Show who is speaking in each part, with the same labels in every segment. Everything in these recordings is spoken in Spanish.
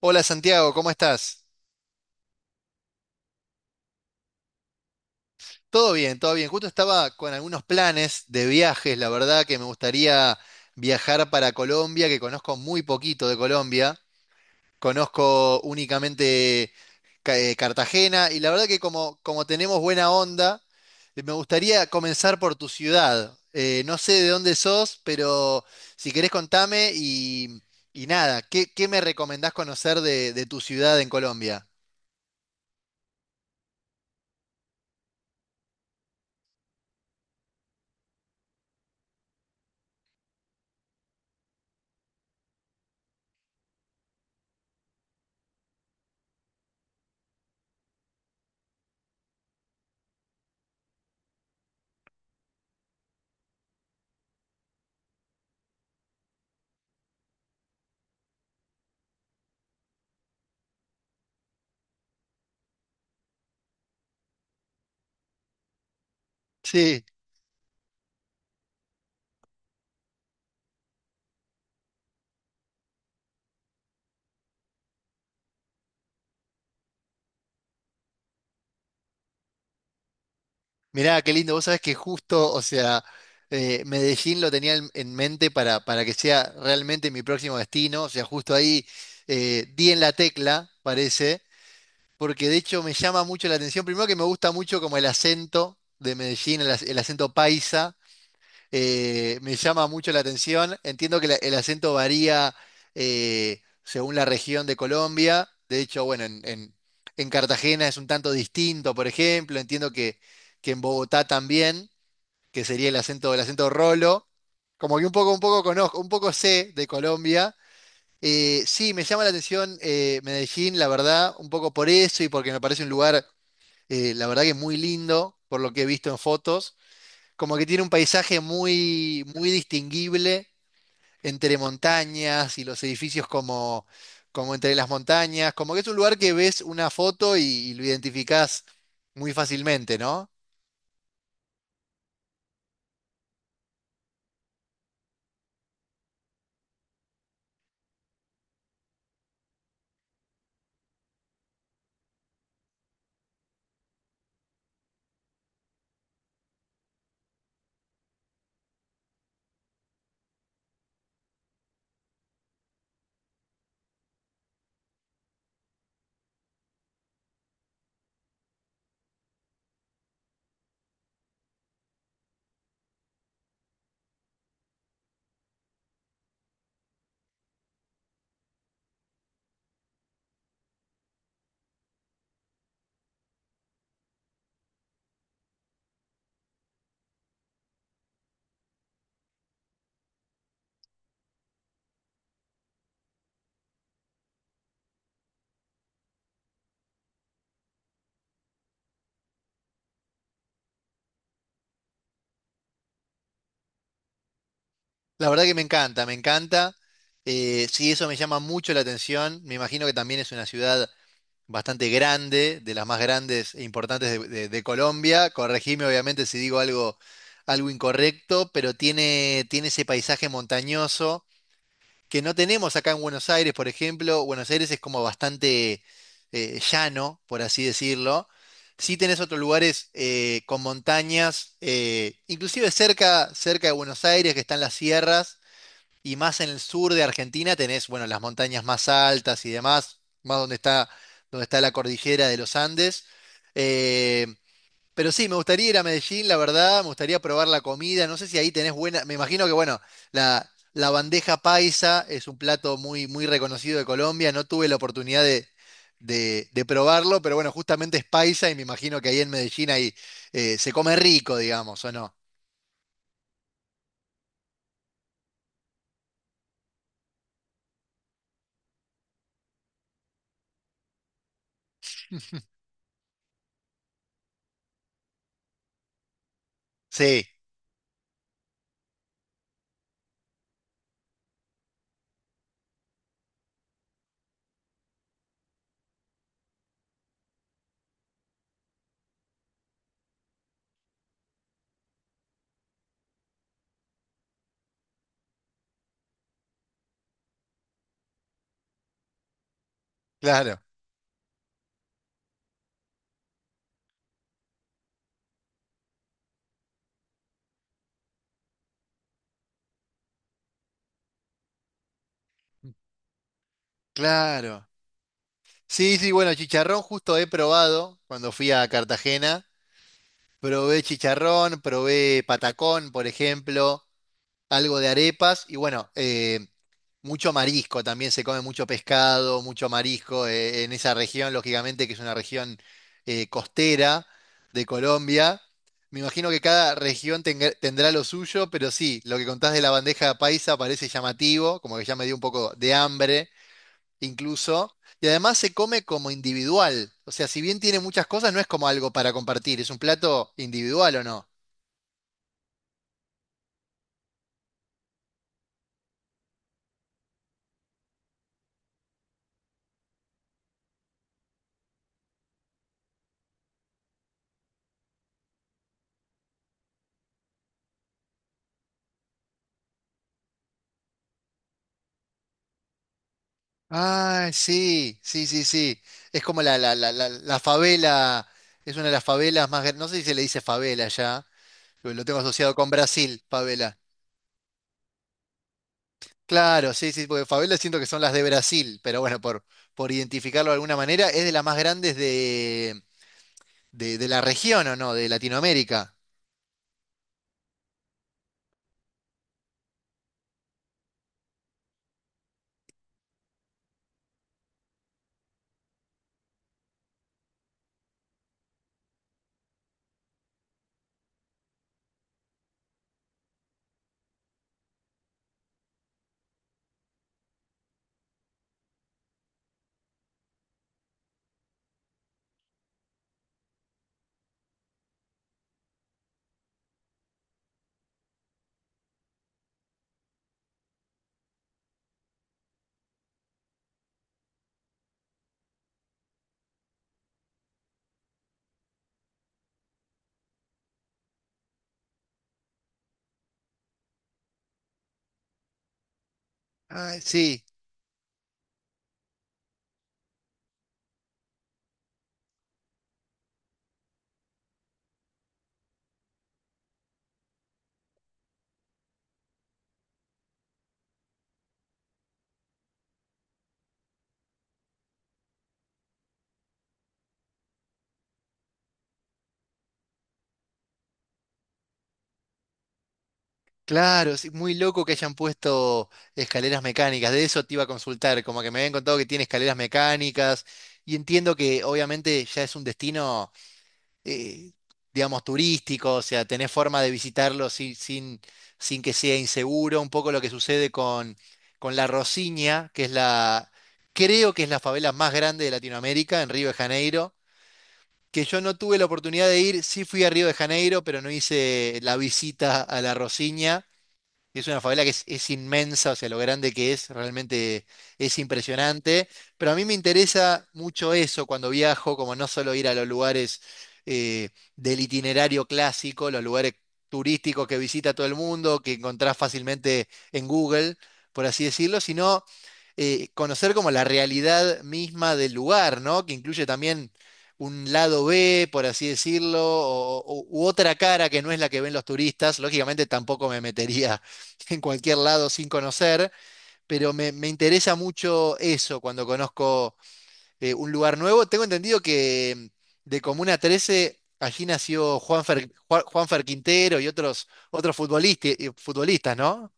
Speaker 1: Hola Santiago, ¿cómo estás? Todo bien, todo bien. Justo estaba con algunos planes de viajes, la verdad que me gustaría viajar para Colombia, que conozco muy poquito de Colombia. Conozco únicamente Cartagena y la verdad que como, como tenemos buena onda, me gustaría comenzar por tu ciudad. No sé de dónde sos, pero si querés contame y nada, ¿ qué me recomendás conocer de tu ciudad en Colombia? Mirá, qué lindo. Vos sabés que justo, o sea, Medellín lo tenía en mente para que sea realmente mi próximo destino. O sea, justo ahí di en la tecla, parece, porque de hecho me llama mucho la atención. Primero que me gusta mucho como el acento de Medellín, el acento paisa. Me llama mucho la atención. Entiendo que el acento varía según la región de Colombia. De hecho, bueno, en Cartagena es un tanto distinto, por ejemplo. Entiendo que en Bogotá también, que sería el acento rolo. Como que un poco conozco, un poco sé de Colombia. Sí, me llama la atención, Medellín, la verdad, un poco por eso y porque me parece un lugar, la verdad que muy lindo, por lo que he visto en fotos. Como que tiene un paisaje muy, muy distinguible entre montañas y los edificios como, como entre las montañas. Como que es un lugar que ves una foto y lo identificás muy fácilmente, ¿no? La verdad que me encanta, me encanta. Sí, eso me llama mucho la atención. Me imagino que también es una ciudad bastante grande, de las más grandes e importantes de Colombia. Corregime, obviamente, si digo algo, algo incorrecto, pero tiene, tiene ese paisaje montañoso que no tenemos acá en Buenos Aires, por ejemplo. Buenos Aires es como bastante llano, por así decirlo. Sí tenés otros lugares, con montañas, inclusive cerca, cerca de Buenos Aires, que están las sierras, y más en el sur de Argentina tenés, bueno, las montañas más altas y demás, más donde está la cordillera de los Andes. Eh, pero sí, me gustaría ir a Medellín, la verdad, me gustaría probar la comida. No sé si ahí tenés buena. Me imagino que, bueno, la bandeja paisa es un plato muy, muy reconocido de Colombia. No tuve la oportunidad de probarlo, pero bueno, justamente es paisa y me imagino que ahí en Medellín ahí, se come rico, digamos, ¿o no? Sí, claro, claro. Sí, sí, bueno, chicharrón justo he probado cuando fui a Cartagena. Probé chicharrón, probé patacón, por ejemplo, algo de arepas y bueno, mucho marisco, también se come mucho pescado, mucho marisco, en esa región, lógicamente que es una región costera de Colombia. Me imagino que cada tendrá lo suyo, pero sí, lo que contás de la bandeja paisa parece llamativo, como que ya me dio un poco de hambre incluso. Y además se come como individual, o sea, si bien tiene muchas cosas, no es como algo para compartir, es un plato individual, ¿o no? Ah, sí, sí, sí, sí. Es como la favela, es una de las favelas más, no sé si se le dice favela ya, pero lo tengo asociado con Brasil, favela. Claro, sí, sí, porque favela siento que son las de Brasil, pero bueno, por identificarlo de alguna manera, es de las más grandes de la región, ¿o no? De Latinoamérica. Ah, sí. Claro, sí, muy loco que hayan puesto escaleras mecánicas. De eso te iba a consultar, como que me habían contado que tiene escaleras mecánicas y entiendo que obviamente ya es un destino, eh, digamos, turístico, o sea, tenés forma de visitarlo sin que sea inseguro. Un poco lo que sucede con La Rosiña, que es la, creo que es la favela más grande de Latinoamérica, en Río de Janeiro, que yo no tuve la oportunidad de ir, sí fui a Río de Janeiro, pero no hice la visita a La Rosiña. Es una favela que es inmensa, o sea, lo grande que es, realmente es impresionante. Pero a mí me interesa mucho eso cuando viajo, como no solo ir a los lugares, eh, del itinerario clásico, los lugares turísticos que visita todo el mundo, que encontrás fácilmente en Google, por así decirlo, sino conocer como la realidad misma del lugar, ¿no? Que incluye también un lado B, por así decirlo, u otra cara que no es la que ven los turistas. Lógicamente tampoco me metería en cualquier lado sin conocer, pero me interesa mucho eso cuando conozco un lugar nuevo. Tengo entendido que de Comuna 13 allí nació Juanfer Quintero y otros, otros futbolistas, futbolistas, ¿no?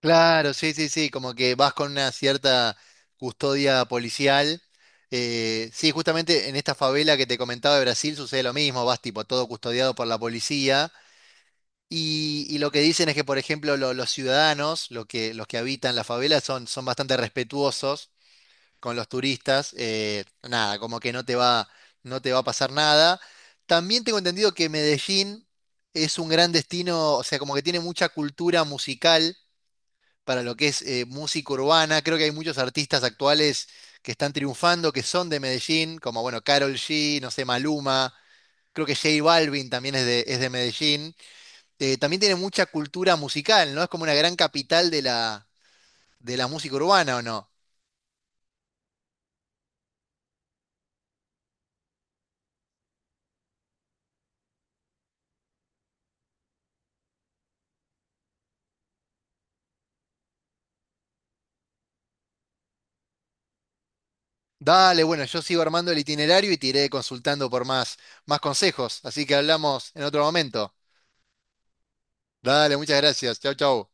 Speaker 1: Claro, sí, sí, sí, como que vas con una cierta custodia policial. Sí, justamente en esta favela que te comentaba de Brasil sucede lo mismo, vas tipo todo custodiado por la policía. Y lo que dicen es que, por ejemplo, los ciudadanos, lo que, los que habitan la favela, son, son bastante respetuosos con los turistas. Eh, nada, como que no te va a pasar nada. También tengo entendido que Medellín es un gran destino, o sea, como que tiene mucha cultura musical para lo que es, música urbana. Creo que hay muchos artistas actuales que están triunfando, que son de Medellín, como, bueno, Karol G, no sé, Maluma. Creo que J Balvin también es de Medellín. También tiene mucha cultura musical, ¿no? Es como una gran capital de la música urbana, ¿o no? Dale, bueno, yo sigo armando el itinerario y te iré consultando por más, más consejos, así que hablamos en otro momento. Dale, muchas gracias. Chau, chau.